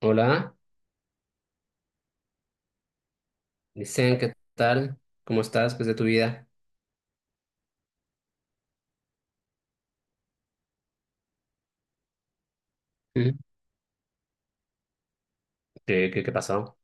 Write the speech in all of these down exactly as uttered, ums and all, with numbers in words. Hola, dicen, ¿qué tal? ¿Cómo estás? ¿Qué es de tu vida? ¿Mm? ¿Qué, qué, qué pasó?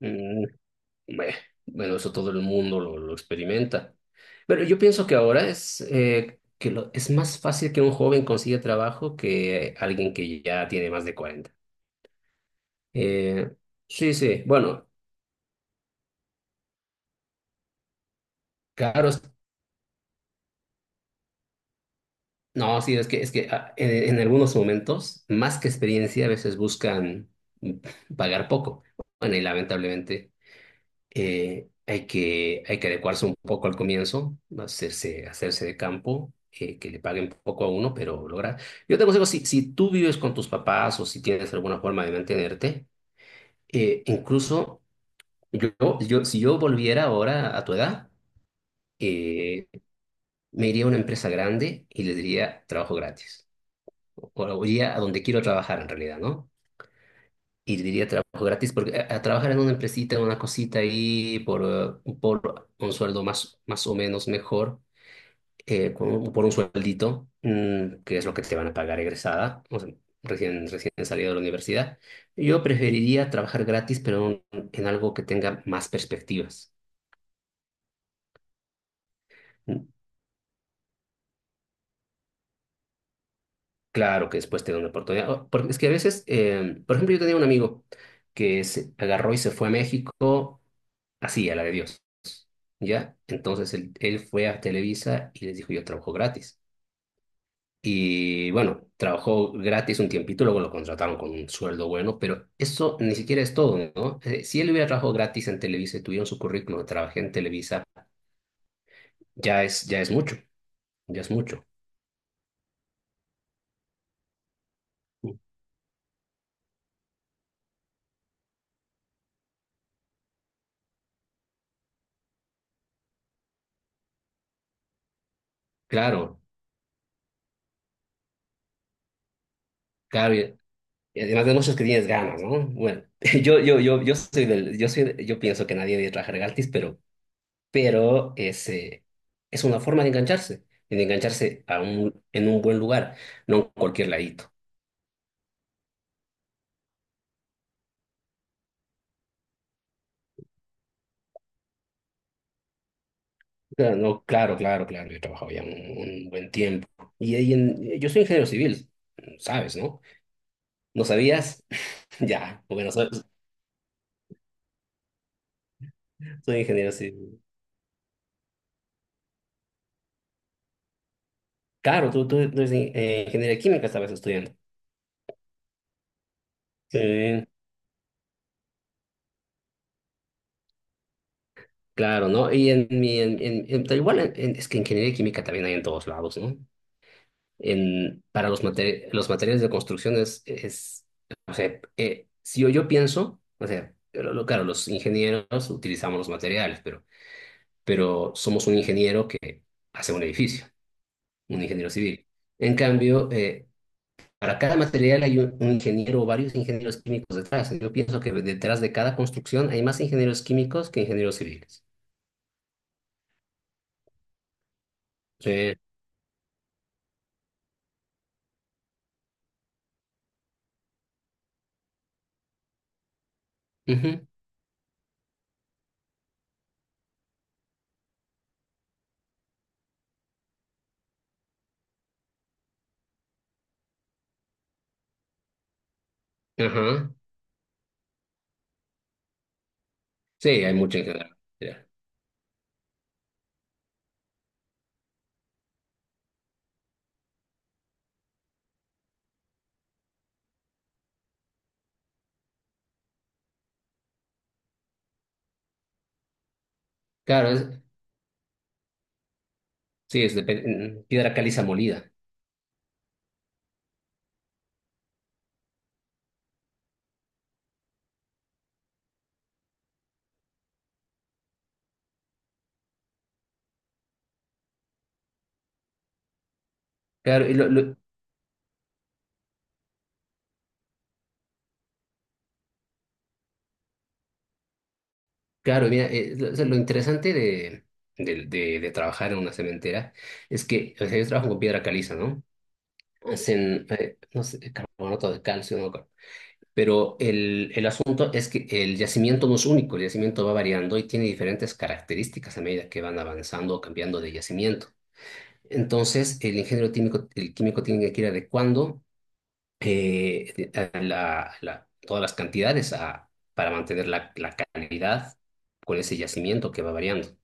Mm, beh, bueno, eso todo el mundo lo, lo experimenta. Pero yo pienso que ahora es, eh, que lo- es más fácil que un joven consiga trabajo que alguien que ya tiene más de cuarenta. Eh, sí, sí, bueno, claro, es- no, sí, es que, es que ah, en, en algunos momentos, más que experiencia, a veces buscan mm, pagar poco. Bueno, y lamentablemente, Eh, hay que, hay que adecuarse un poco al comienzo, hacerse, hacerse de campo, eh, que le paguen poco a uno, pero lograr. Yo te aconsejo, si, si tú vives con tus papás o si tienes alguna forma de mantenerte, eh, incluso yo, yo, si yo volviera ahora a tu edad, eh, me iría a una empresa grande y les diría trabajo gratis. O o iría a donde quiero trabajar en realidad, ¿no? Y diría trabajo gratis, porque a, a trabajar en una empresita, una cosita ahí por, eh, por un sueldo más, más o menos mejor, eh, con un- por un sueldito, mm, que es lo que te van a pagar egresada, o sea, recién, recién salida de la universidad. Yo preferiría trabajar gratis, pero en, en algo que tenga más perspectivas. Mm, Claro que después te da una oportunidad. o- Porque es que a veces, eh, por ejemplo, yo tenía un amigo que se agarró y se fue a México así, a la de Dios. ¿ya? Entonces él, él fue a Televisa y les dijo, yo trabajo gratis. Y bueno, trabajó gratis un tiempito, luego lo contrataron con un sueldo bueno, pero eso ni siquiera es todo, ¿no? Eh, Si él hubiera trabajado gratis en Televisa y tuviera en su currículum, trabajé en Televisa, ya es, ya es mucho, ya es mucho. Claro, claro, y y además de muchos que tienes ganas, ¿no? Bueno, yo, yo, yo, yo soy del, yo soy, yo pienso que nadie debe trabajar gratis, pero pero es, eh, es una forma de engancharse, de engancharse a un, en un buen lugar, no en cualquier ladito. Claro, no, claro, claro, claro, yo he trabajado ya un, un buen tiempo. Y, ahí en- yo soy ingeniero civil, ¿sabes, no? ¿No sabías? Ya, bueno, soy, soy ingeniero civil. Claro, tú, tú, tú eres in- eh, ingeniería química, estabas estudiando. Sí, claro, ¿no? Y en mi, en, en- en- tal igual, en- en- es que ingeniería química también hay en todos lados, ¿no? en, para los, mate- los materiales de construcción es, es o sea, eh, si yo, yo pienso, o sea, lo- lo- claro, los ingenieros utilizamos los materiales, pero, pero somos un ingeniero que hace un edificio, un ingeniero civil. En cambio, eh, para cada material hay un, un ingeniero o varios ingenieros químicos detrás. Yo pienso que detrás de cada construcción hay más ingenieros químicos que ingenieros civiles. Sí. Ujú. Ajá. Sí, hay mucho ingeniero. Claro, es- sí, es de pe- piedra caliza molida. Claro, y lo, lo- claro, mira, eh, lo, o sea, lo interesante de, del- de- de trabajar en una cementera es que, o sea, yo trabajo con piedra caliza, ¿no? Hacen, eh, no sé, carbonato de calcio, no me acuerdo. Pero el, el asunto es que el yacimiento no es único, el yacimiento va variando y tiene diferentes características a medida que van avanzando o cambiando de yacimiento. Entonces, el ingeniero químico, el químico tiene que ir adecuando eh, la- la- todas las cantidades a- para mantener la, la calidad con ese yacimiento que va variando.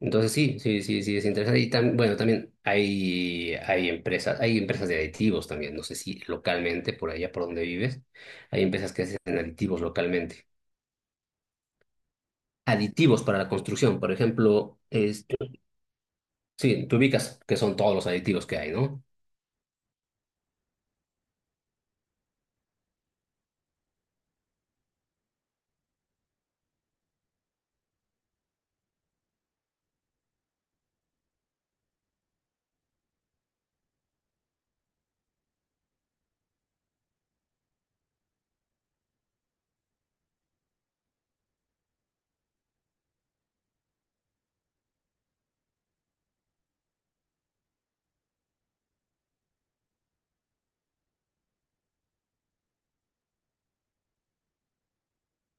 Entonces sí, sí, sí, sí, es interesante. Y tam- bueno, también hay, hay empresas, hay empresas de aditivos también, no sé si localmente, por allá por donde vives, hay empresas que hacen aditivos localmente. Aditivos para la construcción, por ejemplo, es, sí, tú ubicas que son todos los aditivos que hay, ¿no?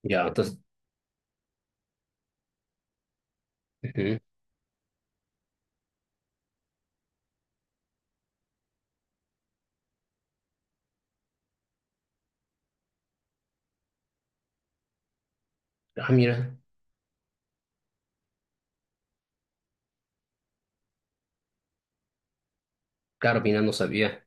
Ya. Entonces, ujú. Ah, mira, claro, mira, no sabía.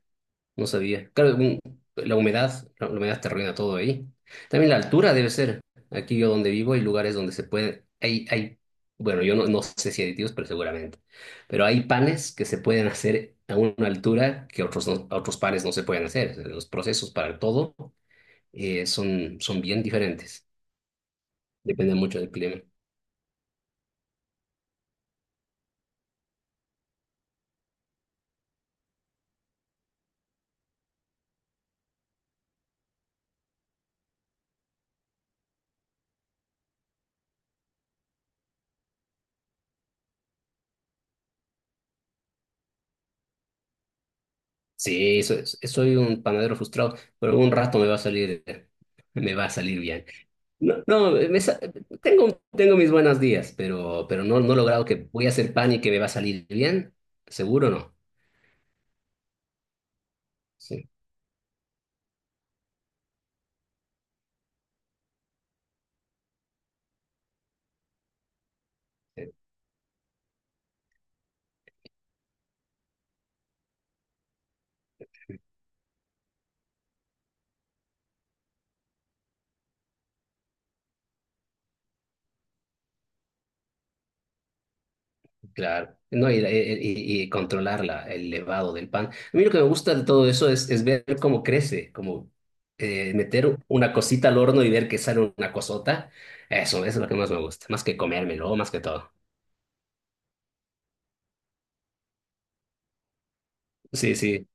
No sabía. Claro, un- la humedad, la, la humedad te arruina todo ahí. También la altura debe ser. Aquí yo donde vivo hay lugares donde se puede, hay, hay, bueno, yo no, no sé si aditivos, pero seguramente. Pero hay panes que se pueden hacer a una altura que otros, no- otros panes no se pueden hacer. Los procesos para todo eh, son, son bien diferentes. Depende mucho del clima. Sí, so- soy un panadero frustrado, pero un rato me va a salir, me va a salir bien. No, no, me sa- tengo, tengo mis buenos días, pero, pero no, no he logrado que voy a hacer pan y que me va a salir bien. Seguro no. Sí, eh, claro. No, y, y- y controlar la- el levado del pan. A mí lo que me gusta de todo eso es, es ver cómo crece, como eh, meter una cosita al horno y ver que sale una cosota. Eso, eso es lo que más me gusta, más que comérmelo, más que todo. Sí, sí.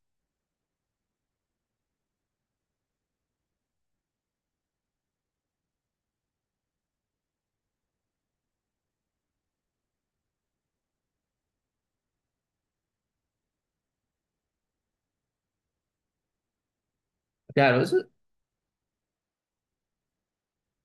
Claro, es,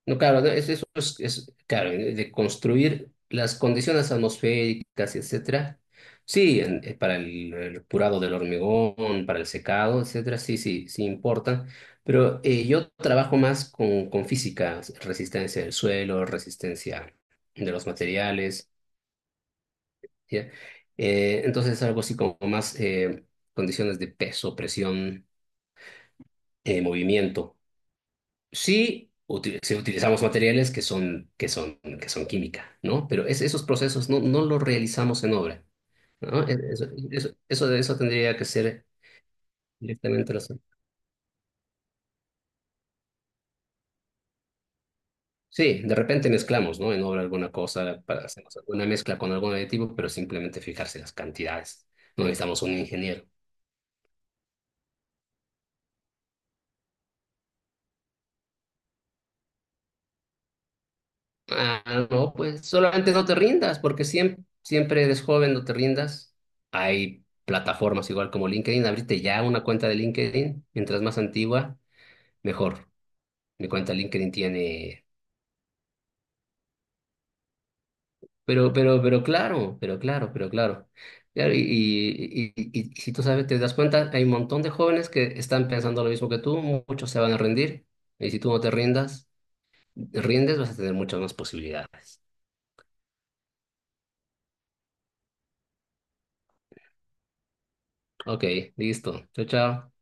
no, claro, no, es, eso es, es, claro, eh, de construir las condiciones atmosféricas, etcétera. Sí, en- eh, para el, el curado del hormigón, para el secado, etcétera, sí, sí, sí importan. Pero eh, yo trabajo más con, con física, resistencia del suelo, resistencia de los materiales, ¿ya? Eh, entonces algo así como más eh, condiciones de peso, presión, eh, movimiento. Sí, uti- sí utilizamos materiales que son, que son, que son química, ¿no? Pero es- esos procesos no, no los realizamos en obra, ¿no? E- Eso, eso, eso, eso tendría que ser directamente las- Sí, de repente mezclamos, ¿no? En obra alguna cosa, para, hacemos alguna mezcla con algún aditivo, pero simplemente fijarse las cantidades. No necesitamos un ingeniero. Ah, no, pues solamente no te rindas, porque siempre, siempre eres joven, no te rindas. Hay plataformas igual como linked in, abrirte ya una cuenta de linked in, mientras más antigua, mejor de cuánta linked in tiene. Pero, pero, pero claro, pero claro, pero claro. Claro, y, y, y- y- y si tú sabes, te das cuenta, hay un montón de jóvenes que están pensando lo mismo que tú, muchos se van a rendir, y si tú no te rindas, rindes, vas a tener muchas más posibilidades. Ok, listo. Chao, chao.